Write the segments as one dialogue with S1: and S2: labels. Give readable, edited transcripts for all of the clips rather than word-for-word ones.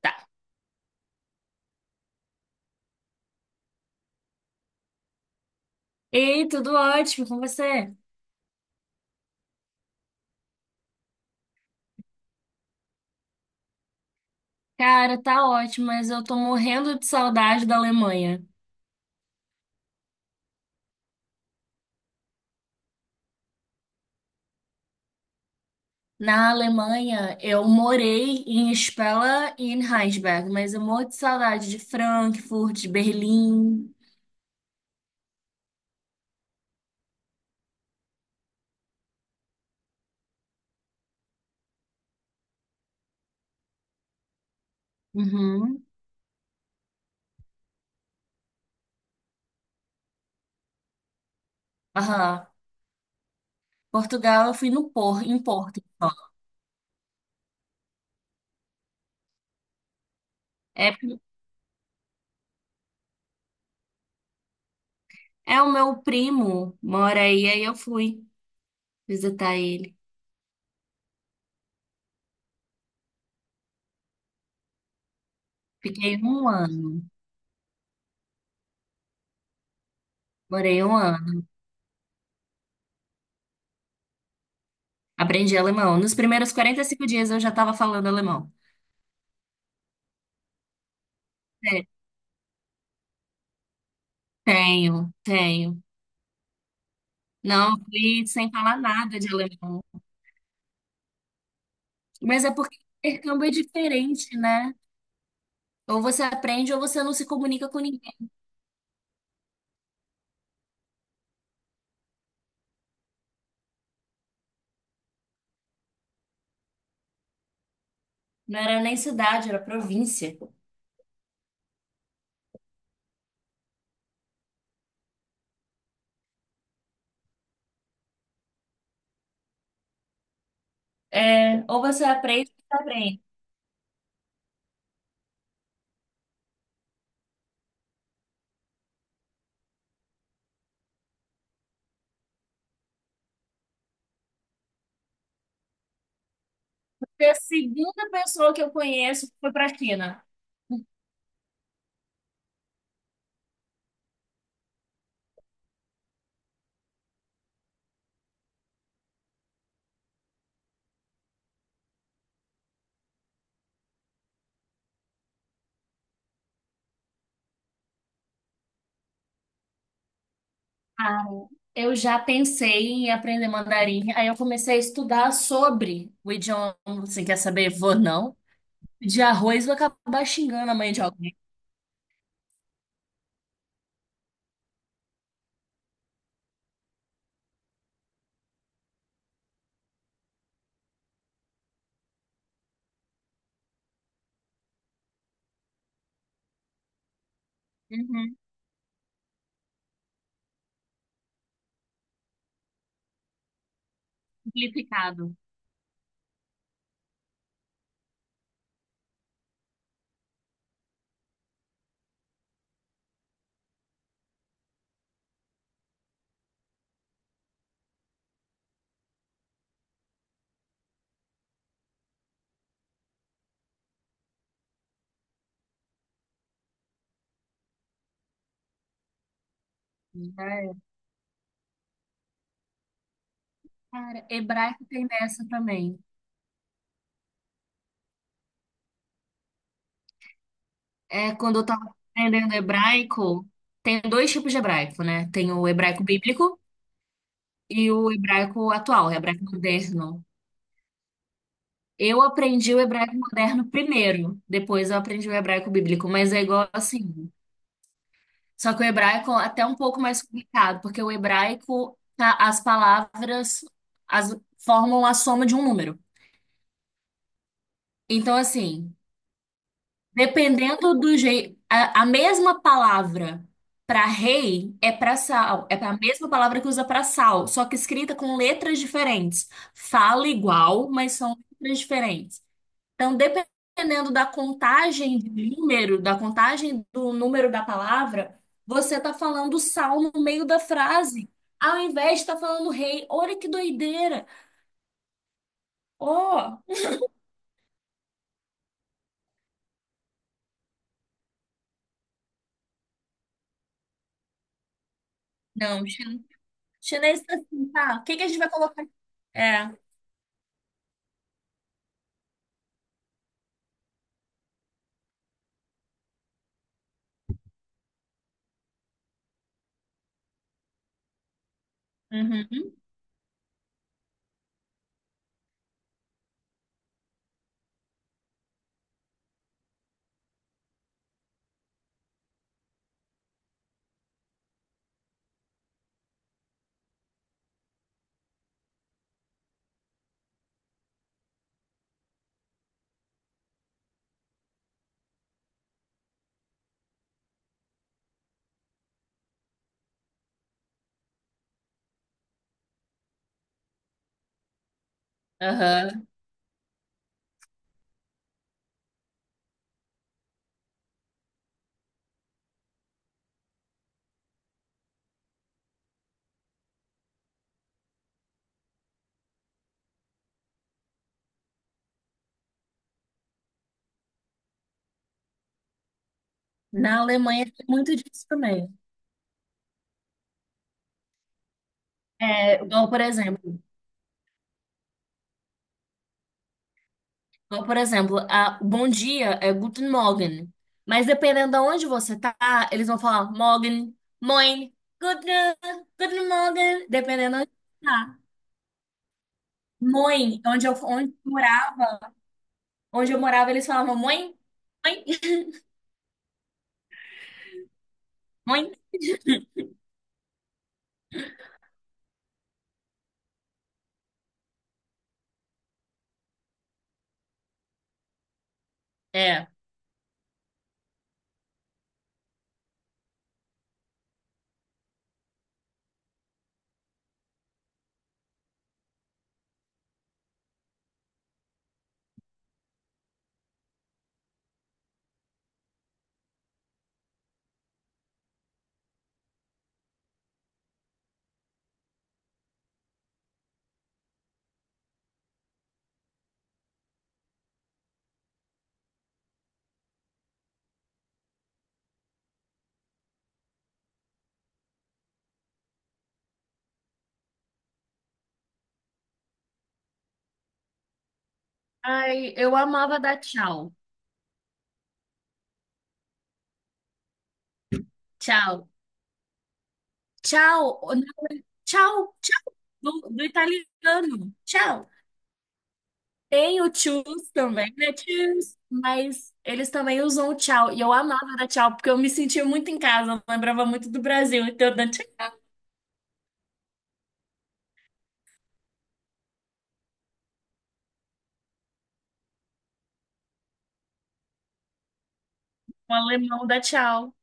S1: Tá. Ei, tudo ótimo com você? Cara, tá ótimo, mas eu tô morrendo de saudade da Alemanha. Na Alemanha, eu morei em Spella e em Heinsberg, mas eu morro de saudade de Frankfurt, de Berlim. Uhum. Aham. Portugal, eu fui no Por, em Porto só. É, é o meu primo, mora aí, aí eu fui visitar ele. Fiquei um ano, morei um ano. Aprendi alemão. Nos primeiros 45 dias eu já estava falando alemão. É, tenho, tenho. Não, fui sem falar nada de alemão. Mas é porque o intercâmbio é diferente, né? Ou você aprende ou você não se comunica com ninguém. Não era nem cidade, era província. É, ou você aprende ou você aprende. Porque a segunda pessoa que eu conheço foi para a China. Ah, eu já pensei em aprender mandarim. Aí eu comecei a estudar sobre o idioma. Você quer saber, vou não? De arroz, vou acabar xingando a mãe de alguém. Uhum. Simplificado. Já é. Cara, hebraico tem dessa também. É, quando eu tava aprendendo hebraico, tem dois tipos de hebraico, né? Tem o hebraico bíblico e o hebraico atual, o hebraico moderno. Eu aprendi o hebraico moderno primeiro, depois eu aprendi o hebraico bíblico, mas é igual assim. Só que o hebraico é até um pouco mais complicado, porque o hebraico, as palavras as, formam a soma de um número. Então, assim, dependendo do jeito, a mesma palavra para rei é para sal, é a mesma palavra que usa para sal, só que escrita com letras diferentes. Fala igual, mas são letras diferentes. Então, dependendo da contagem de número, da contagem do número da palavra, você tá falando sal no meio da frase, ao invés de estar falando rei. Olha que doideira! Oh, não, chin- chinês tá assim, tá? O que que a gente vai colocar? É. Uhum. Aham. Na Alemanha é muito disso também. É, igual, por exemplo, o bom dia é Guten Morgen. Mas dependendo de onde você tá, eles vão falar Morgen, Moin, Guten, Guten Morgen, dependendo de onde você tá. Moin, onde eu morava, eles falavam Moin, Moin, Moin. É. Ai, eu amava dar tchau. Tchau. Tchau. Não, tchau, tchau. Do, do italiano. Tchau. Tem o tchus também, né? Tchus. Mas eles também usam o tchau. E eu amava dar tchau, porque eu me sentia muito em casa. Eu lembrava muito do Brasil. Então, eu dando tchau. O alemão dá tchau.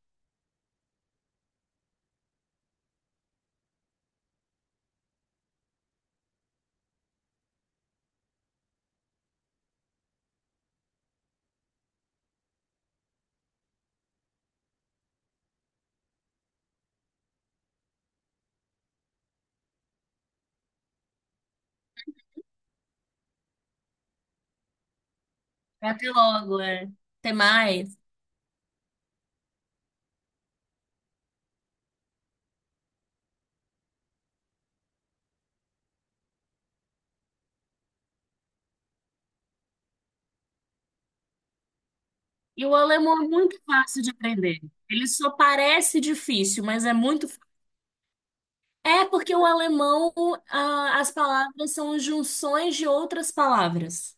S1: Até logo, é. Até mais. E o alemão é muito fácil de aprender. Ele só parece difícil, É porque o alemão, ah, as palavras são junções de outras palavras.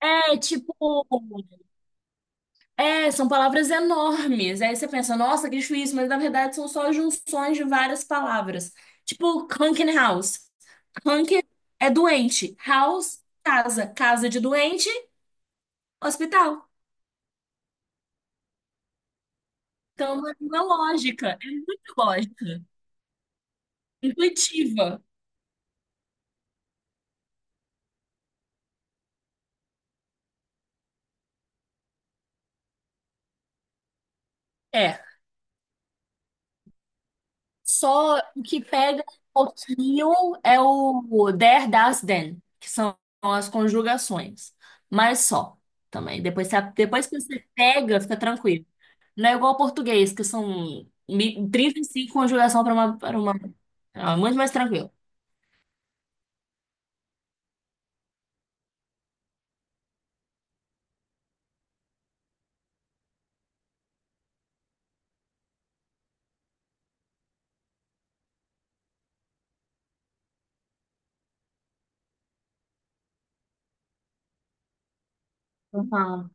S1: É tipo. É, são palavras enormes. Aí você pensa, nossa, que difícil, mas na verdade são só junções de várias palavras. Tipo, Hunken House. Hunken é doente. House, casa. Casa de doente, hospital. Então, é uma lógica. É muito lógica. Intuitiva. É. Só o que pega um pouquinho é o there, das, then, que são as conjugações. Mas só também. Depois que você pega, fica tranquilo. Não é igual ao português, que são 35 conjugação para uma, para uma. É muito mais tranquilo. Uhum.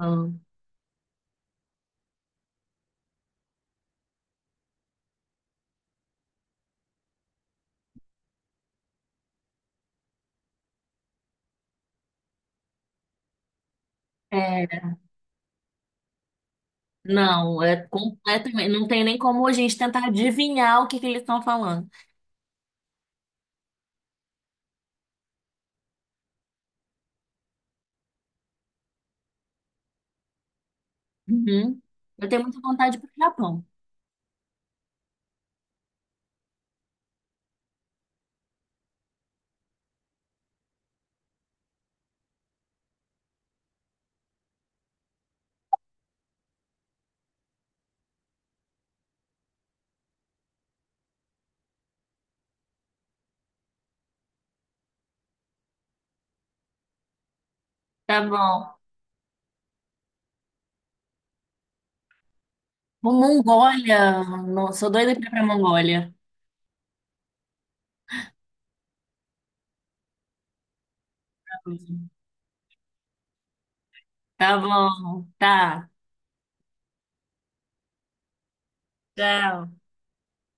S1: Uhum. É, não, é completamente. Não tem nem como a gente tentar adivinhar o que que eles estão falando. Uhum. Eu tenho muita vontade para o Japão. Tá bom. Vou Mongólia. Não, sou doida pra ir pra Mongólia. Tá bom. Tá. Tchau.